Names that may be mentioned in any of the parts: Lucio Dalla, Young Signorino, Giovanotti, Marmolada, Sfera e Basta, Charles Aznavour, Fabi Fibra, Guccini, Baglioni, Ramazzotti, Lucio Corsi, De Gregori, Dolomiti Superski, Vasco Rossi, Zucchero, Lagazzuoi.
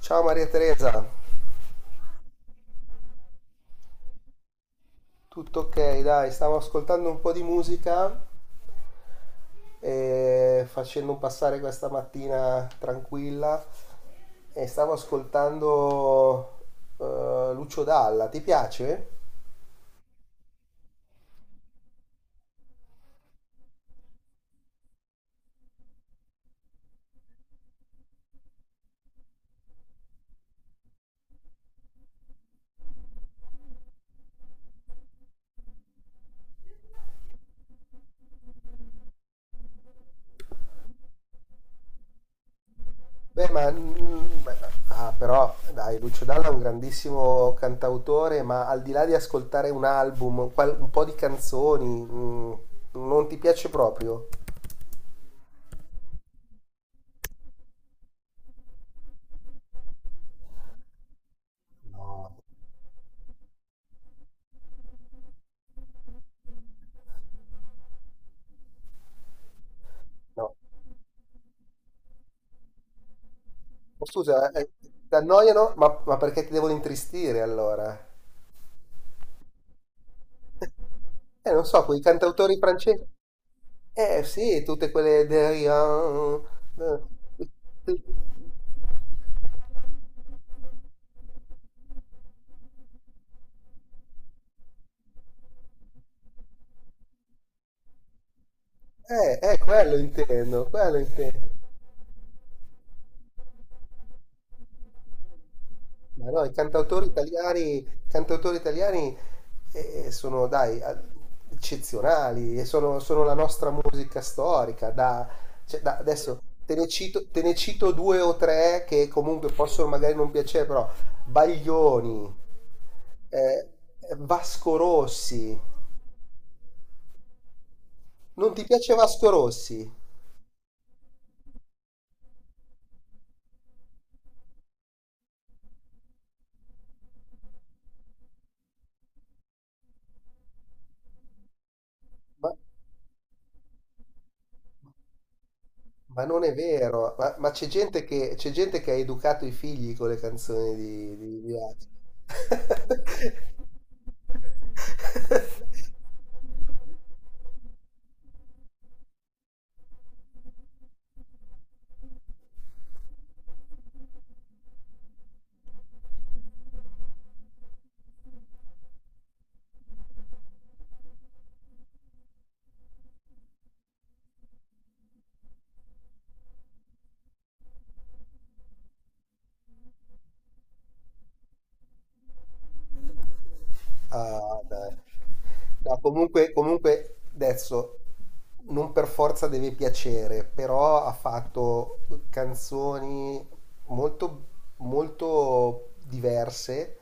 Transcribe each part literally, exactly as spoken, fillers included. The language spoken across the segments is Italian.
Ciao Maria Teresa, tutto ok? Dai, stavo ascoltando un po' di musica e facendo passare questa mattina tranquilla e stavo ascoltando eh, Lucio Dalla, ti piace? Beh, ma mm, beh, ah, però dai, Lucio Dalla è un grandissimo cantautore, ma al di là di ascoltare un album, qual- un po' di canzoni, mm, non ti piace proprio? No, no. Oh, scusa, eh, ti annoiano? Ma, ma perché ti devono intristire allora? Eh, non so, quei cantautori francesi. Eh sì, tutte quelle derivan. Eh, eh, eh, quello intendo, quello intendo. Ma no, i cantautori italiani, cantautori italiani eh, eh, sono, dai, a- eccezionali, e sono, sono la nostra musica storica. da- cioè, da- adesso te ne cito, te ne cito due o tre che comunque possono magari non piacere, però Baglioni, eh, Vasco Rossi. Non ti piace Vasco Rossi? Ma, ma non è vero, ma, ma c'è gente che, c'è gente che ha educato i figli con le canzoni di, di, di Vasco. Ah, dai. No, comunque, comunque adesso non per forza deve piacere, però ha fatto canzoni molto, molto diverse,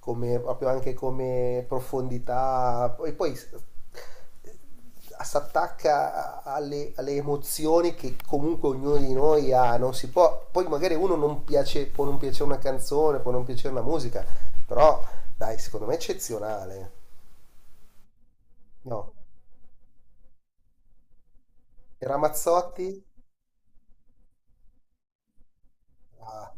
come, proprio anche come profondità, e poi s- si attacca alle, alle emozioni che comunque ognuno di noi ha, non si può, poi magari uno non piace, può non piacere una canzone, può non piacere una musica, però dai, secondo me è eccezionale. No, era Mazzotti? Ah,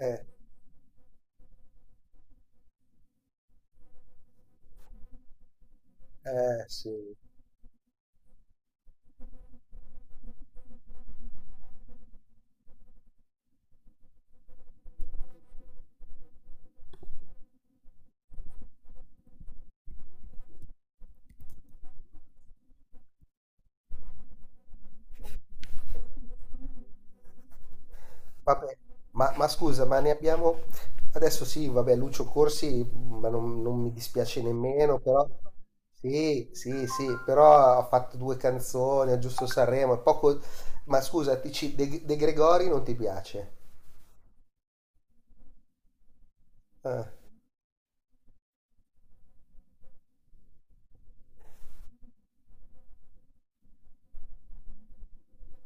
eh, eh, sì. Vabbè, ma, ma scusa, ma ne abbiamo. Adesso sì, vabbè, Lucio Corsi, ma non, non mi dispiace nemmeno, però. Sì, sì, sì, però ha fatto due canzoni a Giusto Sanremo, è poco. Ma scusa, ti ci- De, De Gregori non ti piace? Eh,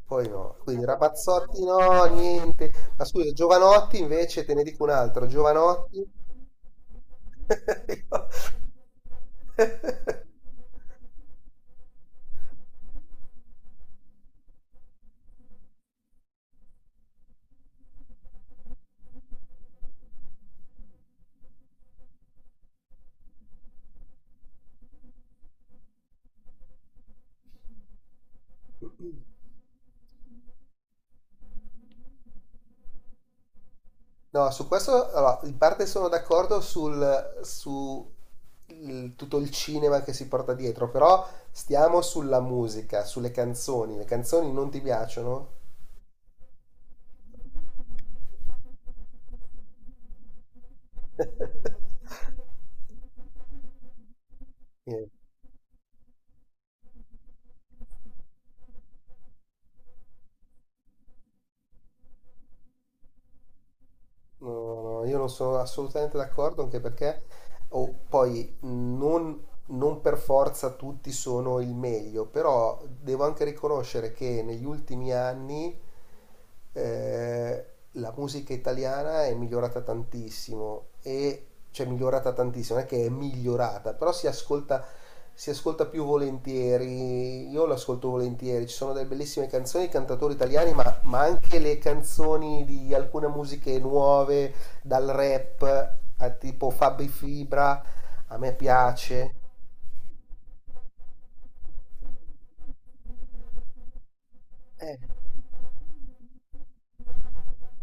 poi no, quindi Ramazzotti no, niente. Ma scusa, Giovanotti invece, te ne dico un altro, Giovanotti. No, su questo allora, in parte sono d'accordo sul, su il- tutto il cinema che si porta dietro, però stiamo sulla musica, sulle canzoni. Le canzoni non ti piacciono? Niente. No, no, io non sono assolutamente d'accordo, anche perché oh, poi non non per forza tutti sono il meglio, però devo anche riconoscere che negli ultimi anni eh, la musica italiana è migliorata tantissimo e cioè migliorata tantissimo, non è che è migliorata, però si ascolta, si ascolta più volentieri, io l'ascolto volentieri, ci sono delle bellissime canzoni, cantatori italiani, ma, ma anche le canzoni di alcune musiche nuove, dal rap a tipo Fabi Fibra, a me piace. Eh,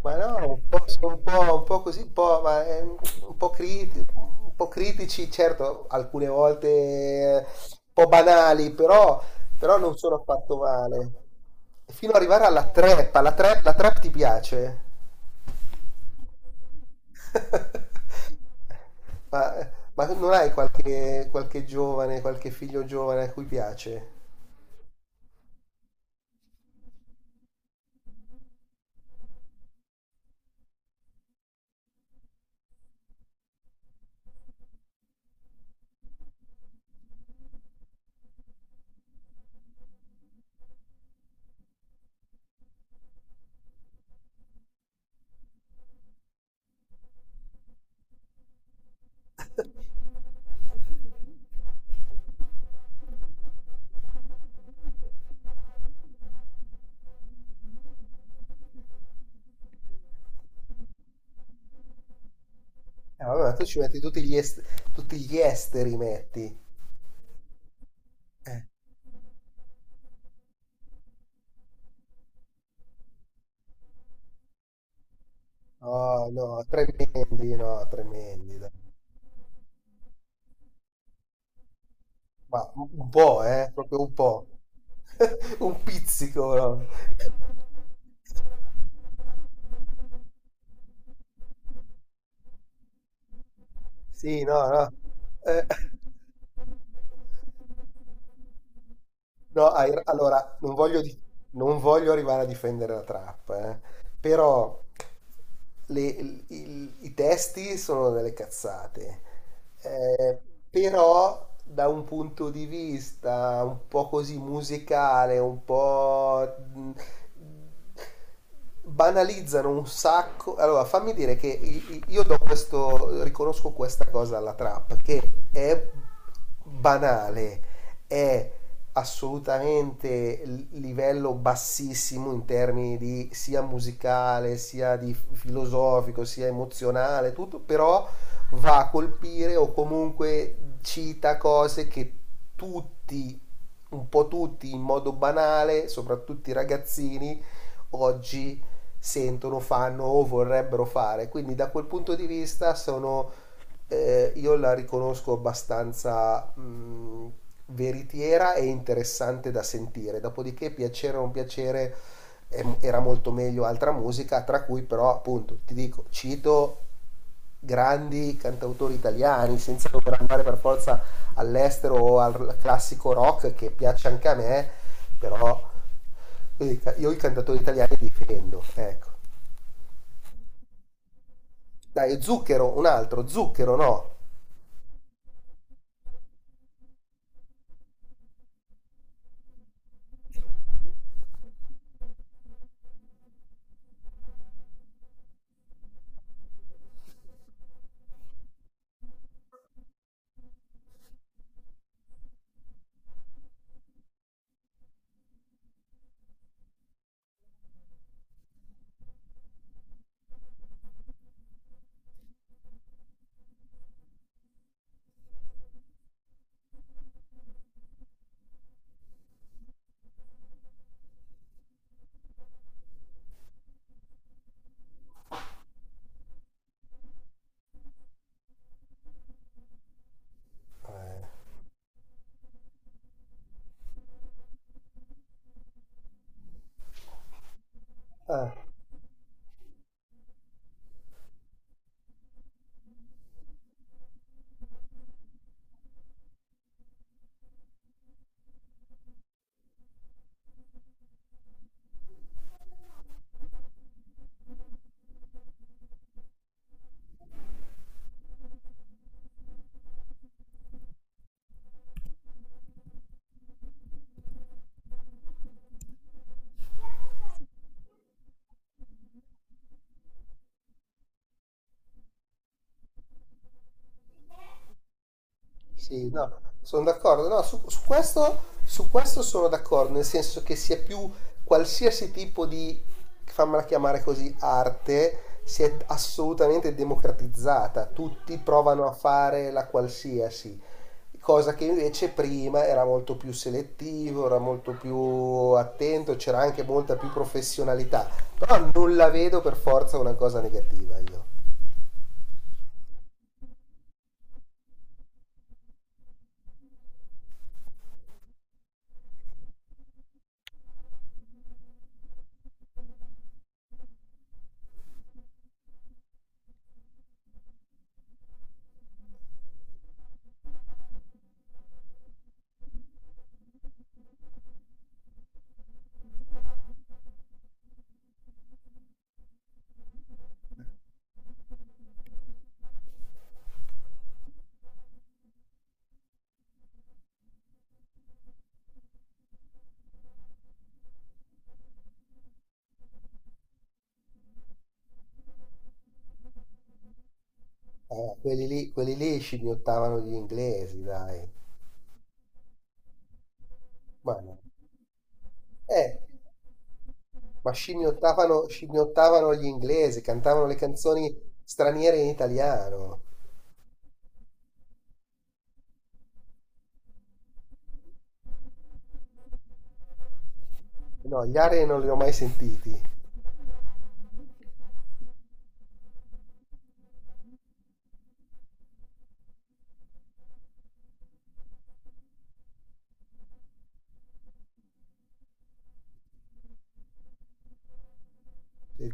ma no, un po', sono un po', un po' così, un po', ma, eh, un po' criti- un po' critici, certo, alcune volte eh, un po' banali, però, però, non sono affatto male. Fino ad arrivare alla trap, alla trap, la trap ti piace? Ma, ma non hai qualche, qualche giovane, qualche figlio giovane a cui piace? Eh, vabbè, ma tu ci metti tutti gli, est- tutti gli esteri, metti. Eh. No, no, tremendi, no, tremendi, dai. Ma un un po', eh, proprio un po'. Un pizzico, no. Sì, no, no. Eh, no, hai- allora, non voglio, di- non voglio arrivare a difendere la trap, eh. Però le- il- il- i testi sono delle cazzate, eh, però da un punto di vista un po' così musicale, un po' mh, banalizzano un sacco. Allora, fammi dire che i- i- io do questo, riconosco questa cosa alla trap, che è banale, è assolutamente l- livello bassissimo in termini di sia musicale, sia di filosofico, sia emozionale, tutto, però va a colpire o comunque cita cose che tutti, un po' tutti in modo banale, soprattutto i ragazzini, oggi sentono, fanno o vorrebbero fare. Quindi da quel punto di vista sono, eh, io la riconosco abbastanza mh, veritiera e interessante da sentire. Dopodiché, piacere o non piacere, eh, era molto meglio altra musica, tra cui però, appunto, ti dico, cito grandi cantautori italiani, senza dover andare per forza all'estero o al classico rock che piace anche a me, però io i cantatori italiani difendo, ecco. Dai, Zucchero, un altro, Zucchero no. Eh. Ah. Sì, no, sono d'accordo. No, su, su questo, su questo sono d'accordo, nel senso che sia più qualsiasi tipo di, fammela chiamare così, arte si è assolutamente democratizzata. Tutti provano a fare la qualsiasi, cosa che invece prima era molto più selettivo, era molto più attento, c'era anche molta più professionalità. Però non la vedo per forza una cosa negativa io. Eh, quelli lì, quelli lì scimmiottavano gli inglesi, dai. Ma no. Eh, ma scimmiottavano, scimmiottavano gli inglesi, cantavano le canzoni straniere in italiano. No, gli aree non li ho mai sentiti. Eh,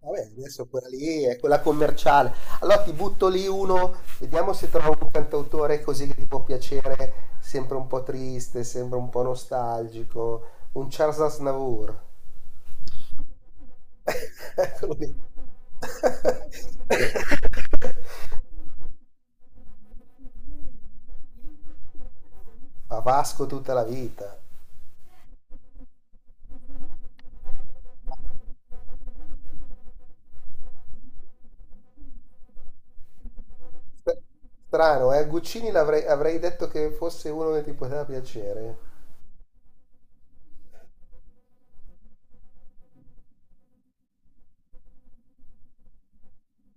Vabbè, adesso quella lì è quella commerciale. Allora ti butto lì uno, vediamo se trovo un cantautore così che ti può piacere, sempre un po' triste, sempre un po' nostalgico. Un Charles Aznavour. Eccolo lì. A Vasco tutta la vita. Strano, eh? Guccini l'avrei, avrei detto che fosse uno che ti poteva piacere.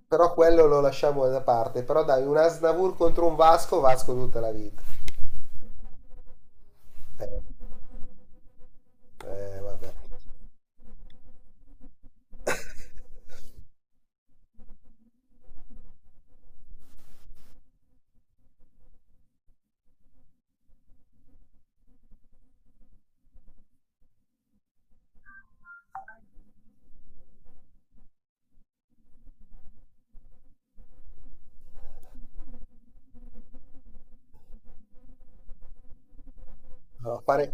Però quello lo lasciamo da parte. Però dai, un Asnavour contro un Vasco, Vasco tutta la vita. Eh, eh, vabbè. No, fare...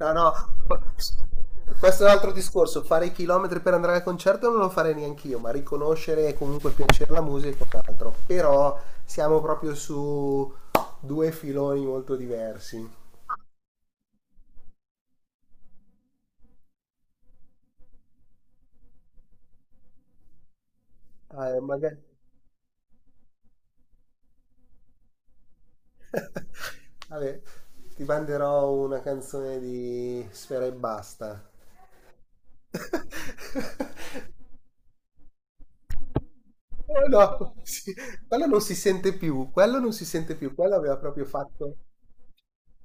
no, no. Questo è un altro discorso. Fare i chilometri per andare al concerto non lo farei neanche io, ma riconoscere e comunque piacere la musica è un altro. Però siamo proprio su due filoni molto diversi. Eh, magari... Vabbè, ti manderò una canzone di Sfera e Basta. Oh no, sì, quello non si sente più, quello non si sente più, quello aveva proprio fatto.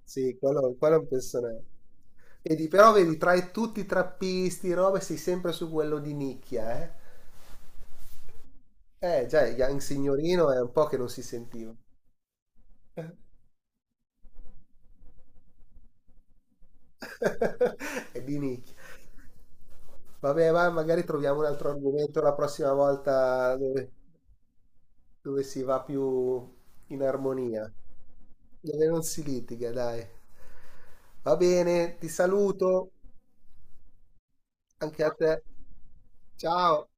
Sì, quello, quello è un personaggio. Vedi, però vedi, tra i- tutti i trappisti, robe, sei sempre su quello di nicchia, eh? Eh, già, il Young Signorino è un po' che non si sentiva. È di nicchia. Vabbè, ma magari troviamo un altro argomento la prossima volta dove dove si va più in armonia, dove non si litiga, dai. Va bene, ti saluto anche a te. Ciao.